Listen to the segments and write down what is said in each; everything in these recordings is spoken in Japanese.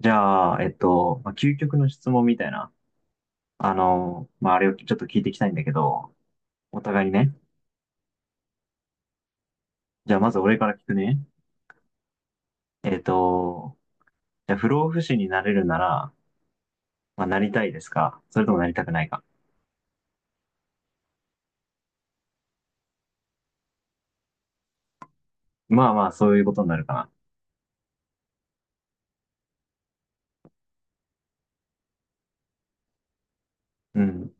じゃあ、まあ、究極の質問みたいな、あの、まあ、あれをちょっと聞いていきたいんだけど、お互いにね。じゃあ、まず俺から聞くね。えっと、じゃあ、不老不死になれるなら、まあ、なりたいですか、それともなりたくないか？まあまあ、そういうことになるかな。うん。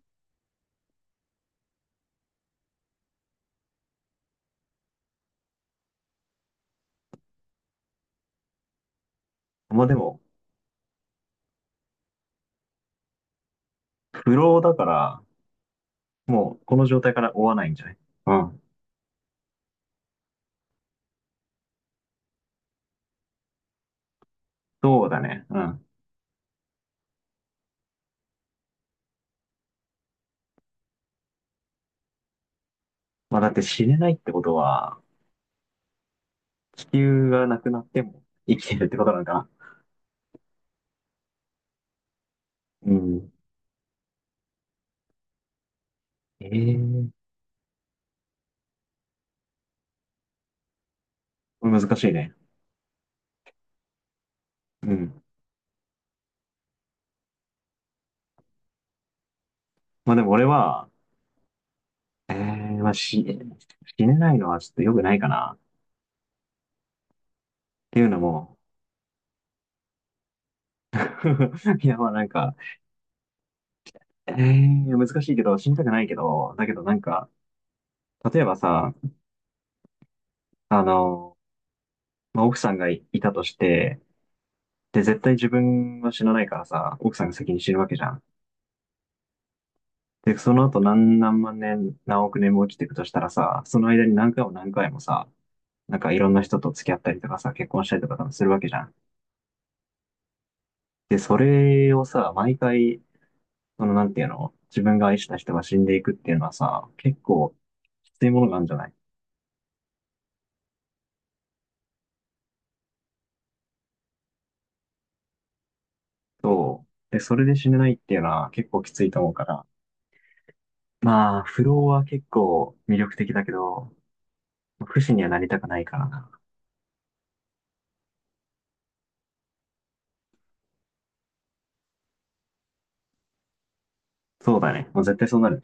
まあでも、不老だから、もう、この状態から追わないんじゃない？うん。そうだね。うん。まあ、だって死ねないってことは、地球がなくなっても生きてるってことなのかな？うん。ええ、これ難しいね。うん。まあでも俺は、えー、まあ死ねないのはちょっと良くないかな。っていうのも、いやまあなんか、難しいけど、死にたくないけど、だけどなんか、例えばさ、あの、まあ、奥さんがいいたとして、で、絶対自分は死なないからさ、奥さんが先に死ぬわけじゃん。で、その後何万年、何億年も生きていくとしたらさ、その間に何回も何回もさ、なんかいろんな人と付き合ったりとかさ、結婚したりとか多分するわけじゃん。で、それをさ、毎回その、なんていうの、自分が愛した人が死んでいくっていうのはさ、結構きついものがあるんじゃない？そう。で、それで死ねないっていうのは結構きついと思うから。まあ、不老は結構魅力的だけど、不死にはなりたくないからな。そうだね。もう絶対そうなる。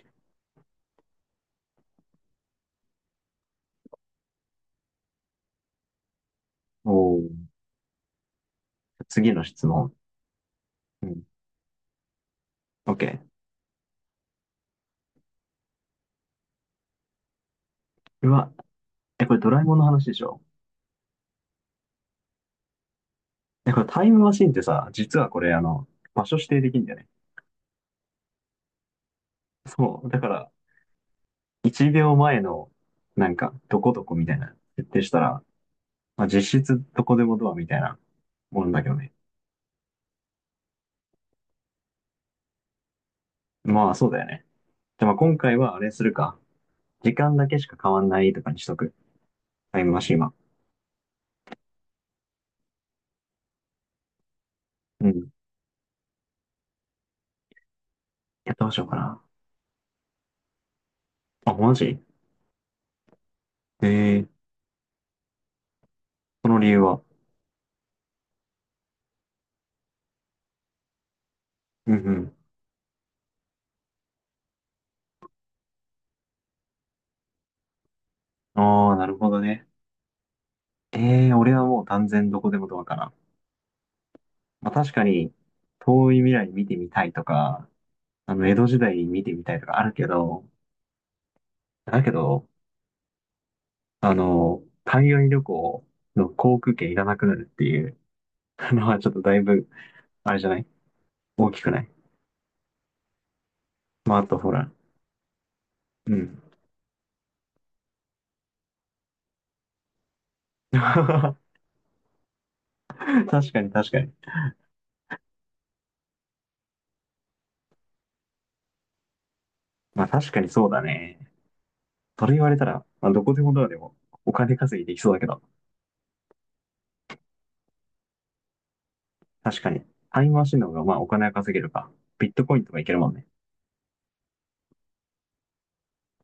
おお。次の質問。うん。OK。うわ、え、これドラえもんの話でしょ？え、これタイムマシンってさ、実はこれあの、場所指定できるんだよね。そう。だから、1秒前の、なんか、どこどこみたいな、設定したら、まあ、実質どこでもドアみたいなもんだけどね。まあそうだよね。じゃあまあ今回はあれするか。時間だけしか変わんないとかにしとく。タイムマシンは。うん。やどうしようかな。あ、マジ？ええ、その理由は？うんうん。ああ、なるほどね。ええ、俺はもう断然どこでもドアかな。まあ確かに、遠い未来見てみたいとか、あの、江戸時代見てみたいとかあるけど、だけど、あの、海外旅行の航空券いらなくなるっていうのはちょっとだいぶあれじゃない？大きくない？まあ、あとほら、うん。確かに確かに。まあ確かにそうだね。それ言われたら、まあどこでもドアでもお金稼ぎできそうだけど、確かに。タイムマシンの方がまあお金は稼げるか。ビットコインとかいけるもんね。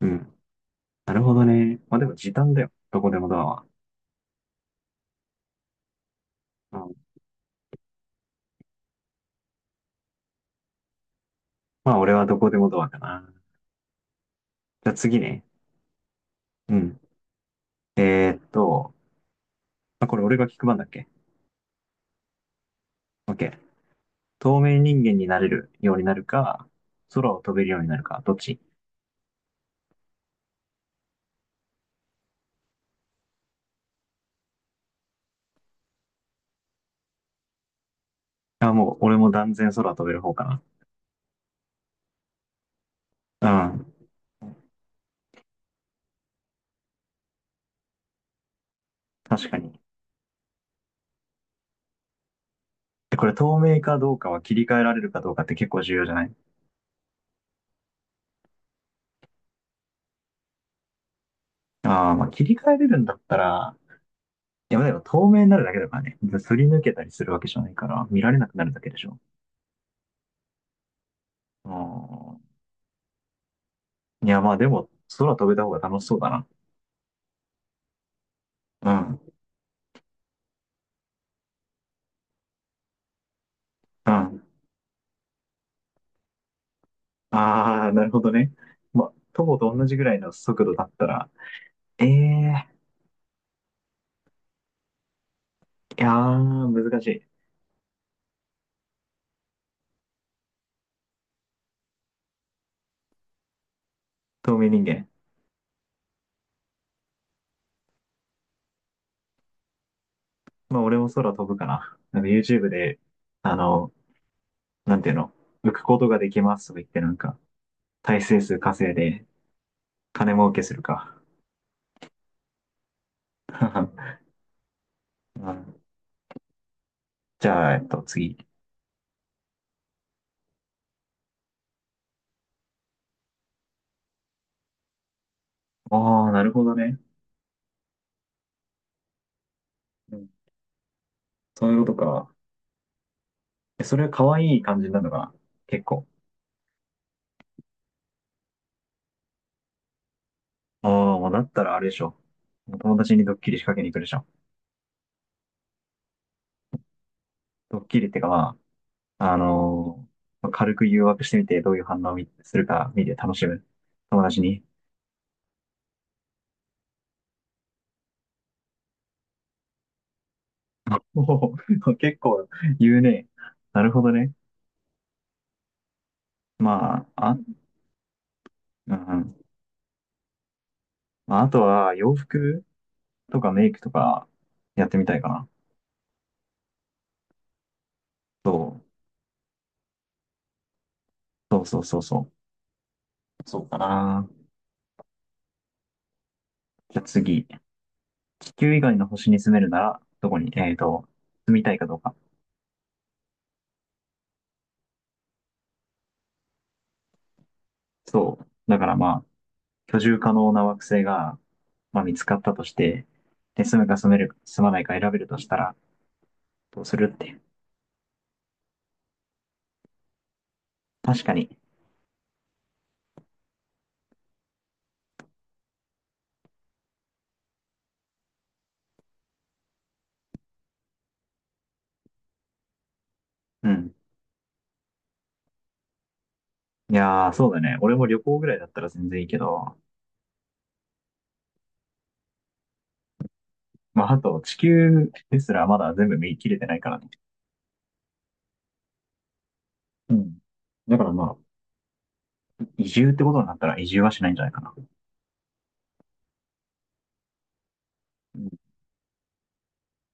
うん。なるほどね。まあでも時短だよ。どこでもドアは。うん、まあ俺はどこでもドアかな。じゃあ次ね。うん。えーっと、まあ、これ俺が聞く番だっけ？ OK。透明人間になれるようになるか、空を飛べるようになるか、どっち？あ、もう、俺も断然空飛べる方かな。うん。確かに。で、これ透明かどうかは切り替えられるかどうかって結構重要じゃない？ああー、まあ切り替えれるんだったら、いや、でも透明になるだけだからね。すり抜けたりするわけじゃないから、見られなくなるだけでしょ。うん。いや、まあでも、空飛べた方が楽しそうだな。うん。うん。ああ、なるほどね。まあ、徒歩と同じぐらいの速度だったら、ええー。いやー、難しい。透明人間。まあ、俺も空飛ぶかな。なんか YouTube で、あの、なんていうの、浮くことができますとか言って、なんか、耐性数稼いで、金儲けするか。うん。じゃあ、次。ああ、なるほどね。うん。そういうことか。え、それは可愛い感じなのが、結構？ああ、もうだったらあれでしょ。もう友達にドッキリ仕掛けに行くでしょ。ドッキリってか、まあ、まあ軽く誘惑してみて、どういう反応を見するか見て楽しむ。友達に。おお、結構言うね。なるほどね。まあ、あ、ううんまあ、あとは洋服とかメイクとかやってみたいかな。そう、そうそうそうそう。そうかな。じゃあ次。地球以外の星に住めるなら、どこに、住みたいかどうか。そう。だからまあ、居住可能な惑星が、まあ、見つかったとして、で、住むか住める、住まないか選べるとしたら、どうするって。確かに。うん。いやー、そうだね。俺も旅行ぐらいだったら全然いいけど、まあ、あと地球ですらまだ全部見切れてないからね。うん。だからまあ、移住ってことになったら移住はしないんじゃないかな。うん、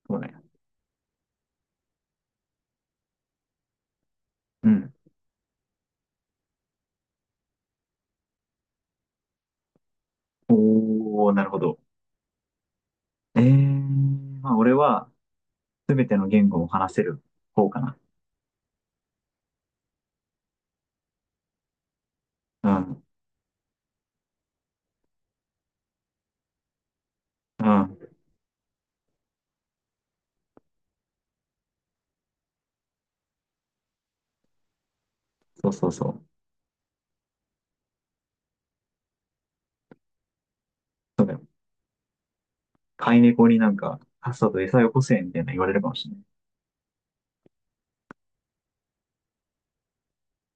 そうね。うん。おー、なるほど。えー、まあ俺は全ての言語を話せる方かな。うん。うん。そうそうそう。そうだよ。飼い猫になんか、さっさと餌よこせみたいな言われるかもしれない。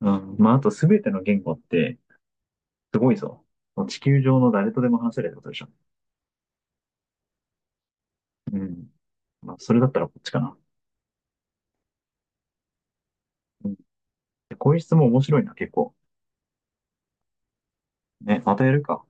うん。まああと全ての言語ってすごいぞ。地球上の誰とでも話せるってことでしょ。うん。まあそれだったらこっちかな。うん。こういう質問面白いな、結構。ね、またやるか。